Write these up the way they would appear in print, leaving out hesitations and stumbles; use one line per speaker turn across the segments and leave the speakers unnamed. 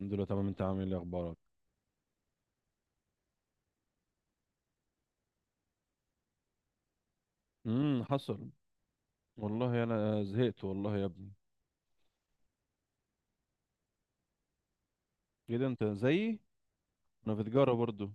الحمد لله، تمام. انت عامل ايه؟ اخبارك؟ حصل. والله انا زهقت، والله يا ابني. ايه ده، انت زيي؟ انا في تجاره برضو.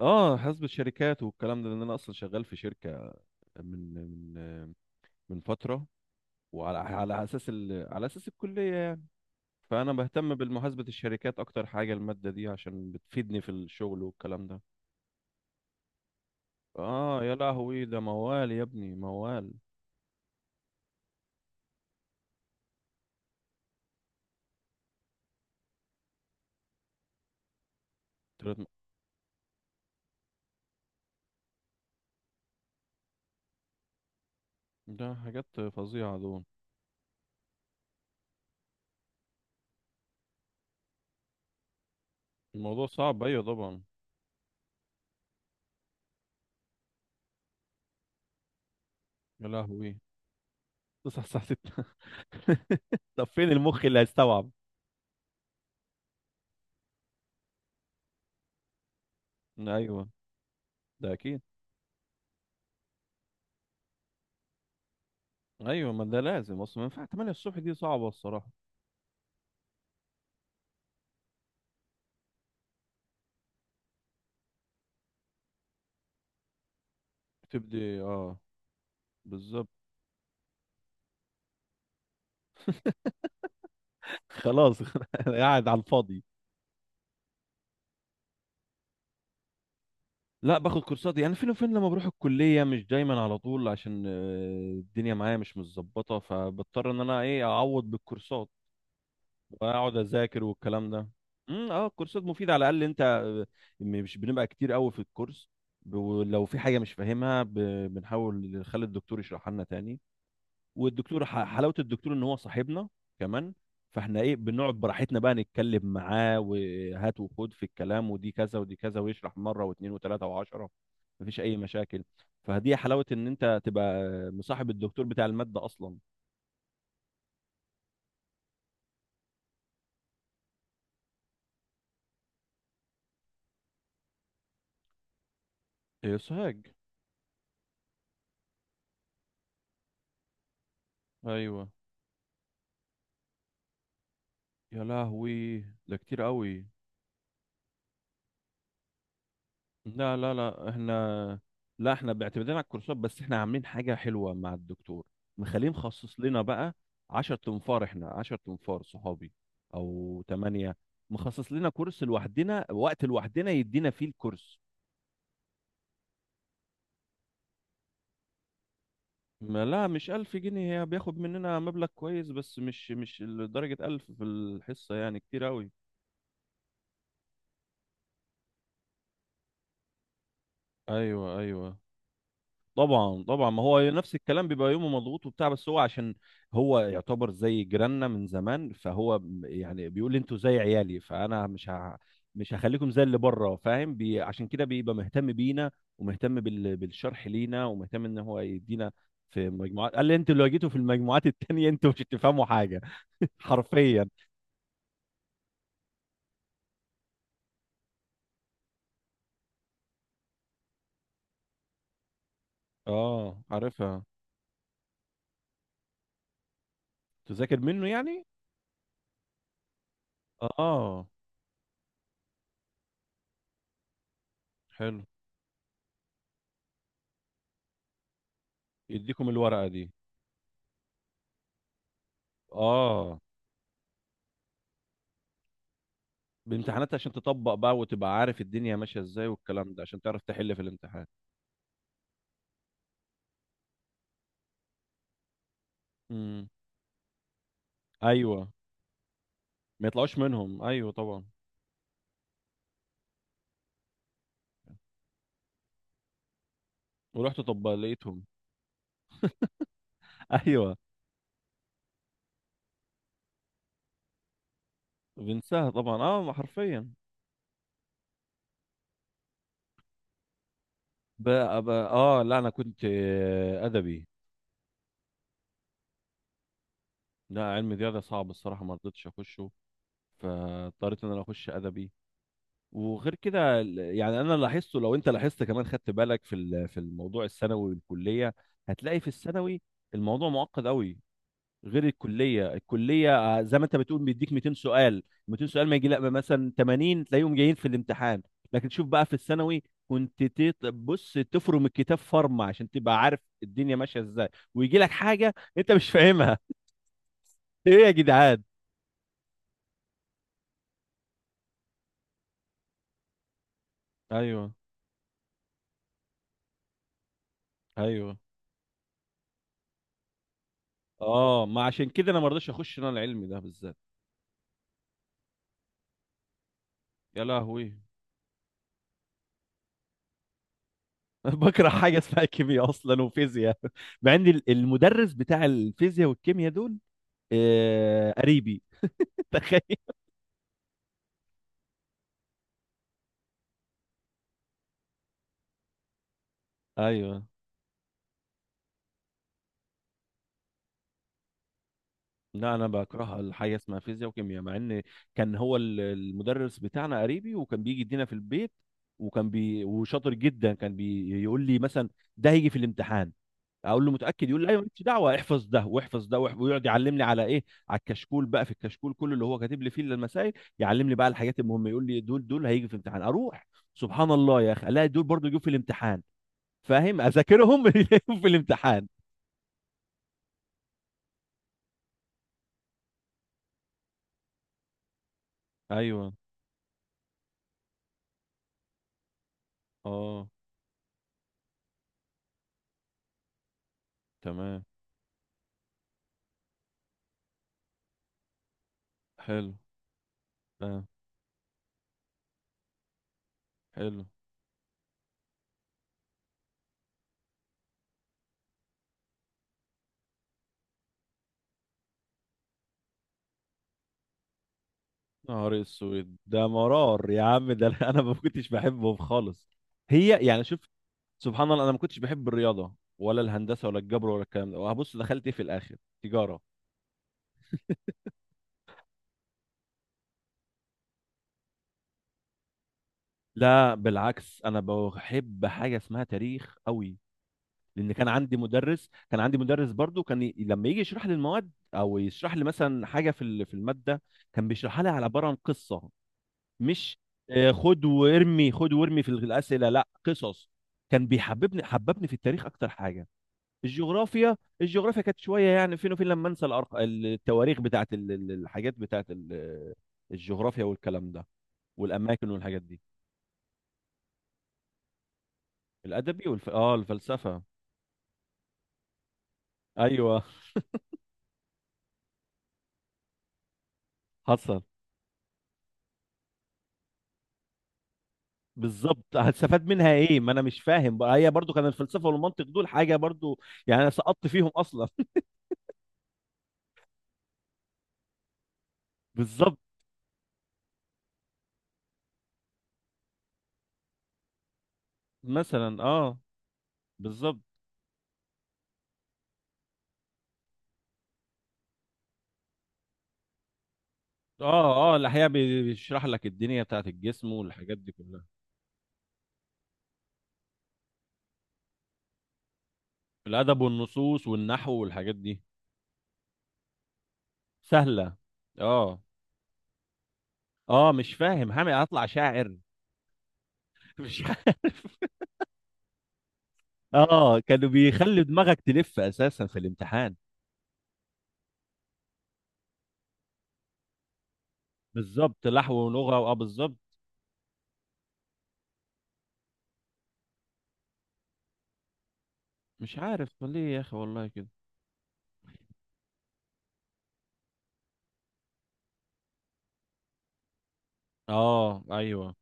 اه، حاسبة شركات والكلام ده، لان انا اصلا شغال في شركه من من من فتره. وعلى على اساس الكليه يعني. فانا بهتم بالمحاسبه، الشركات اكتر حاجه، الماده دي عشان بتفيدني في الشغل والكلام ده. اه، يا لهوي، ده موال يا ابني، موال. تلات م- ده حاجات فظيعه دول. الموضوع صعب، ايوه طبعا. يا لهوي. تصحى الساعه 6؟ طب فين المخ اللي هيستوعب؟ ايوه، ده اكيد. ايوه، ما ده لازم، اصلا ما ينفع 8 الصبح، دي صعبه الصراحه. تبدي، اه. بالظبط. خلاص. قاعد على الفاضي. لا، باخد كورسات، يعني فين وفين لما بروح الكليه، مش دايما على طول، عشان الدنيا معايا مش متظبطه، فبضطر ان انا ايه اعوض بالكورسات واقعد اذاكر والكلام ده. امم، اه، الكورسات مفيده، على الاقل انت، مش بنبقى كتير قوي في الكورس، ولو في حاجه مش فاهمها، بنحاول نخلي الدكتور يشرحها لنا تاني. والدكتور حلاوه الدكتور ان هو صاحبنا كمان، فاحنا ايه بنقعد براحتنا بقى، نتكلم معاه وهات وخد في الكلام، ودي كذا ودي كذا، ويشرح مره واثنين وثلاثه وعشره. مفيش اي مشاكل، فدي حلاوه ان انت تبقى مصاحب الدكتور بتاع الماده اصلا. إيه، سوهاج. ايوه. يا لهوي، ده كتير قوي. لا لا لا، احنا... لا، احنا بيعتمدين على الكورسات، بس احنا عاملين حاجة حلوة مع الدكتور، مخليه مخصص لنا بقى. 10 تنفار، احنا 10 تنفار صحابي او 8، مخصص لنا كورس لوحدنا، وقت لوحدنا يدينا فيه الكورس. ما لا، مش 1000 جنيه، هي بياخد مننا مبلغ كويس، بس مش لدرجة 1000 في الحصة، يعني كتير قوي. ايوه ايوه، طبعا طبعا. ما هو نفس الكلام، بيبقى يومه مضغوط وبتاع، بس هو عشان هو يعتبر زي جيراننا من زمان، فهو يعني بيقول لي انتوا زي عيالي، فانا مش مش هخليكم زي اللي بره، فاهم. عشان كده بيبقى مهتم بينا، ومهتم بالشرح لينا، ومهتم ان هو يدينا في مجموعات. قال لي انتوا لو جيتوا في المجموعات التانية انتوا مش هتفهموا حاجة. حرفيا. اه، عارفها. تذاكر منه يعني. اه، حلو. يديكم الورقة دي. اه، بامتحانات عشان تطبق بقى وتبقى عارف الدنيا ماشيه ازاي والكلام ده، عشان تعرف تحل في الامتحان. امم، ايوه. ما يطلعوش منهم، ايوه طبعا. ورحت طب لقيتهم. ايوه. بنساها طبعا، اه، ما حرفيا. بقى اه، لا، انا كنت ادبي. لا، علم رياضه صعب الصراحه، ما رضيتش اخشه، فاضطريت ان انا اخش ادبي. وغير كده، يعني انا لاحظته، لو انت لاحظت كمان، خدت بالك في في الموضوع الثانوي والكليه، هتلاقي في الثانوي الموضوع معقد قوي. غير الكليه، الكليه زي ما انت بتقول بيديك 200 سؤال. 200 سؤال ما يجي لا مثلا 80 تلاقيهم جايين في الامتحان. لكن شوف بقى في الثانوي، كنت بص تفرم الكتاب فرمه عشان تبقى عارف الدنيا ماشيه ازاي، ويجي لك حاجه انت مش فاهمها. ايه يا جدعان. ايوه ايوه. اه، ما عشان كده انا ما رضيتش اخش انا العلمي ده بالذات. يا لهوي. بكره حاجه اسمها كيمياء اصلا وفيزياء مع ان المدرس بتاع الفيزياء والكيمياء دول قريبي. تخيل. ايوه. لا، انا بكره الحاجه اسمها فيزياء وكيمياء، مع ان كان هو المدرس بتاعنا قريبي، وكان بيجي يدينا في البيت، وكان وشاطر جدا، كان بيقول لي مثلا ده هيجي في الامتحان، اقول له متاكد؟ يقول لي ايوه مالكش دعوه، احفظ ده واحفظ ده ويقعد يعلمني على ايه، على الكشكول بقى، في الكشكول كله اللي هو كاتب لي فيه المسائل، يعلمني بقى الحاجات المهمه. يقول لي دول دول هيجي في الامتحان، اروح سبحان الله يا اخي الاقي دول برضه يجوا في الامتحان، فاهم، اذاكرهم يجوا في الامتحان. ايوه، اه. تمام، حلو. تمام، حلو. نهار اسود، ده مرار يا عم ده. انا ما كنتش بحبهم خالص. هي يعني شوف، سبحان الله انا ما كنتش بحب الرياضه ولا الهندسه ولا الجبر ولا الكلام ده، وهبص دخلت ايه في الاخر؟ تجاره. لا بالعكس، انا بحب حاجه اسمها تاريخ قوي، لان كان عندي مدرس برضو، كان لما يجي يشرح لي المواد، او يشرح لي مثلا حاجه في في الماده، كان بيشرحها لي على عباره عن قصه. مش خد وارمي خد وارمي في الاسئله، لا، قصص. كان بيحببني، حببني في التاريخ اكتر حاجه. الجغرافيا، الجغرافيا كانت شويه، يعني فين وفين، لما انسى التواريخ بتاعت الحاجات بتاعت الجغرافيا والكلام ده، والاماكن والحاجات دي. الادبي اه الفلسفه. ايوه حصل. بالظبط، هتستفاد منها ايه؟ ما انا مش فاهم بقى، هي برضو كان الفلسفه والمنطق دول حاجه برضو، يعني انا سقطت فيهم اصلا. بالظبط. مثلا، اه. بالظبط. اه اه، الأحياء بيشرح لك الدنيا بتاعت الجسم والحاجات دي كلها. الأدب والنصوص والنحو والحاجات دي سهلة. اه اه، مش فاهم هعمل، هطلع شاعر؟ مش عارف. اه، كانوا بيخلي دماغك تلف أساسا في الامتحان. بالظبط، نحو ولغة اه بالظبط. مش عارف ليه يا أخي والله كده. اه ايوه،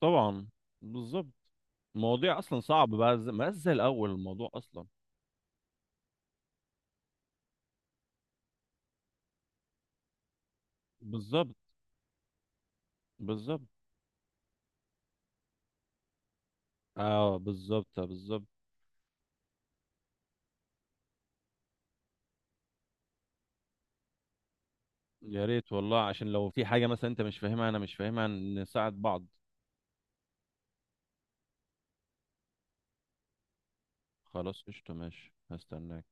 طبعا. بالظبط. المواضيع اصلا صعب بقى، زي- ما زي الاول الموضوع اصلا. بالظبط بالظبط. اه بالظبط بالظبط. يا ريت والله، عشان لو في حاجة مثلا انت مش فاهمها انا مش فاهمها، نساعد بعض. خلاص، قشطة، ماشي، هستناك.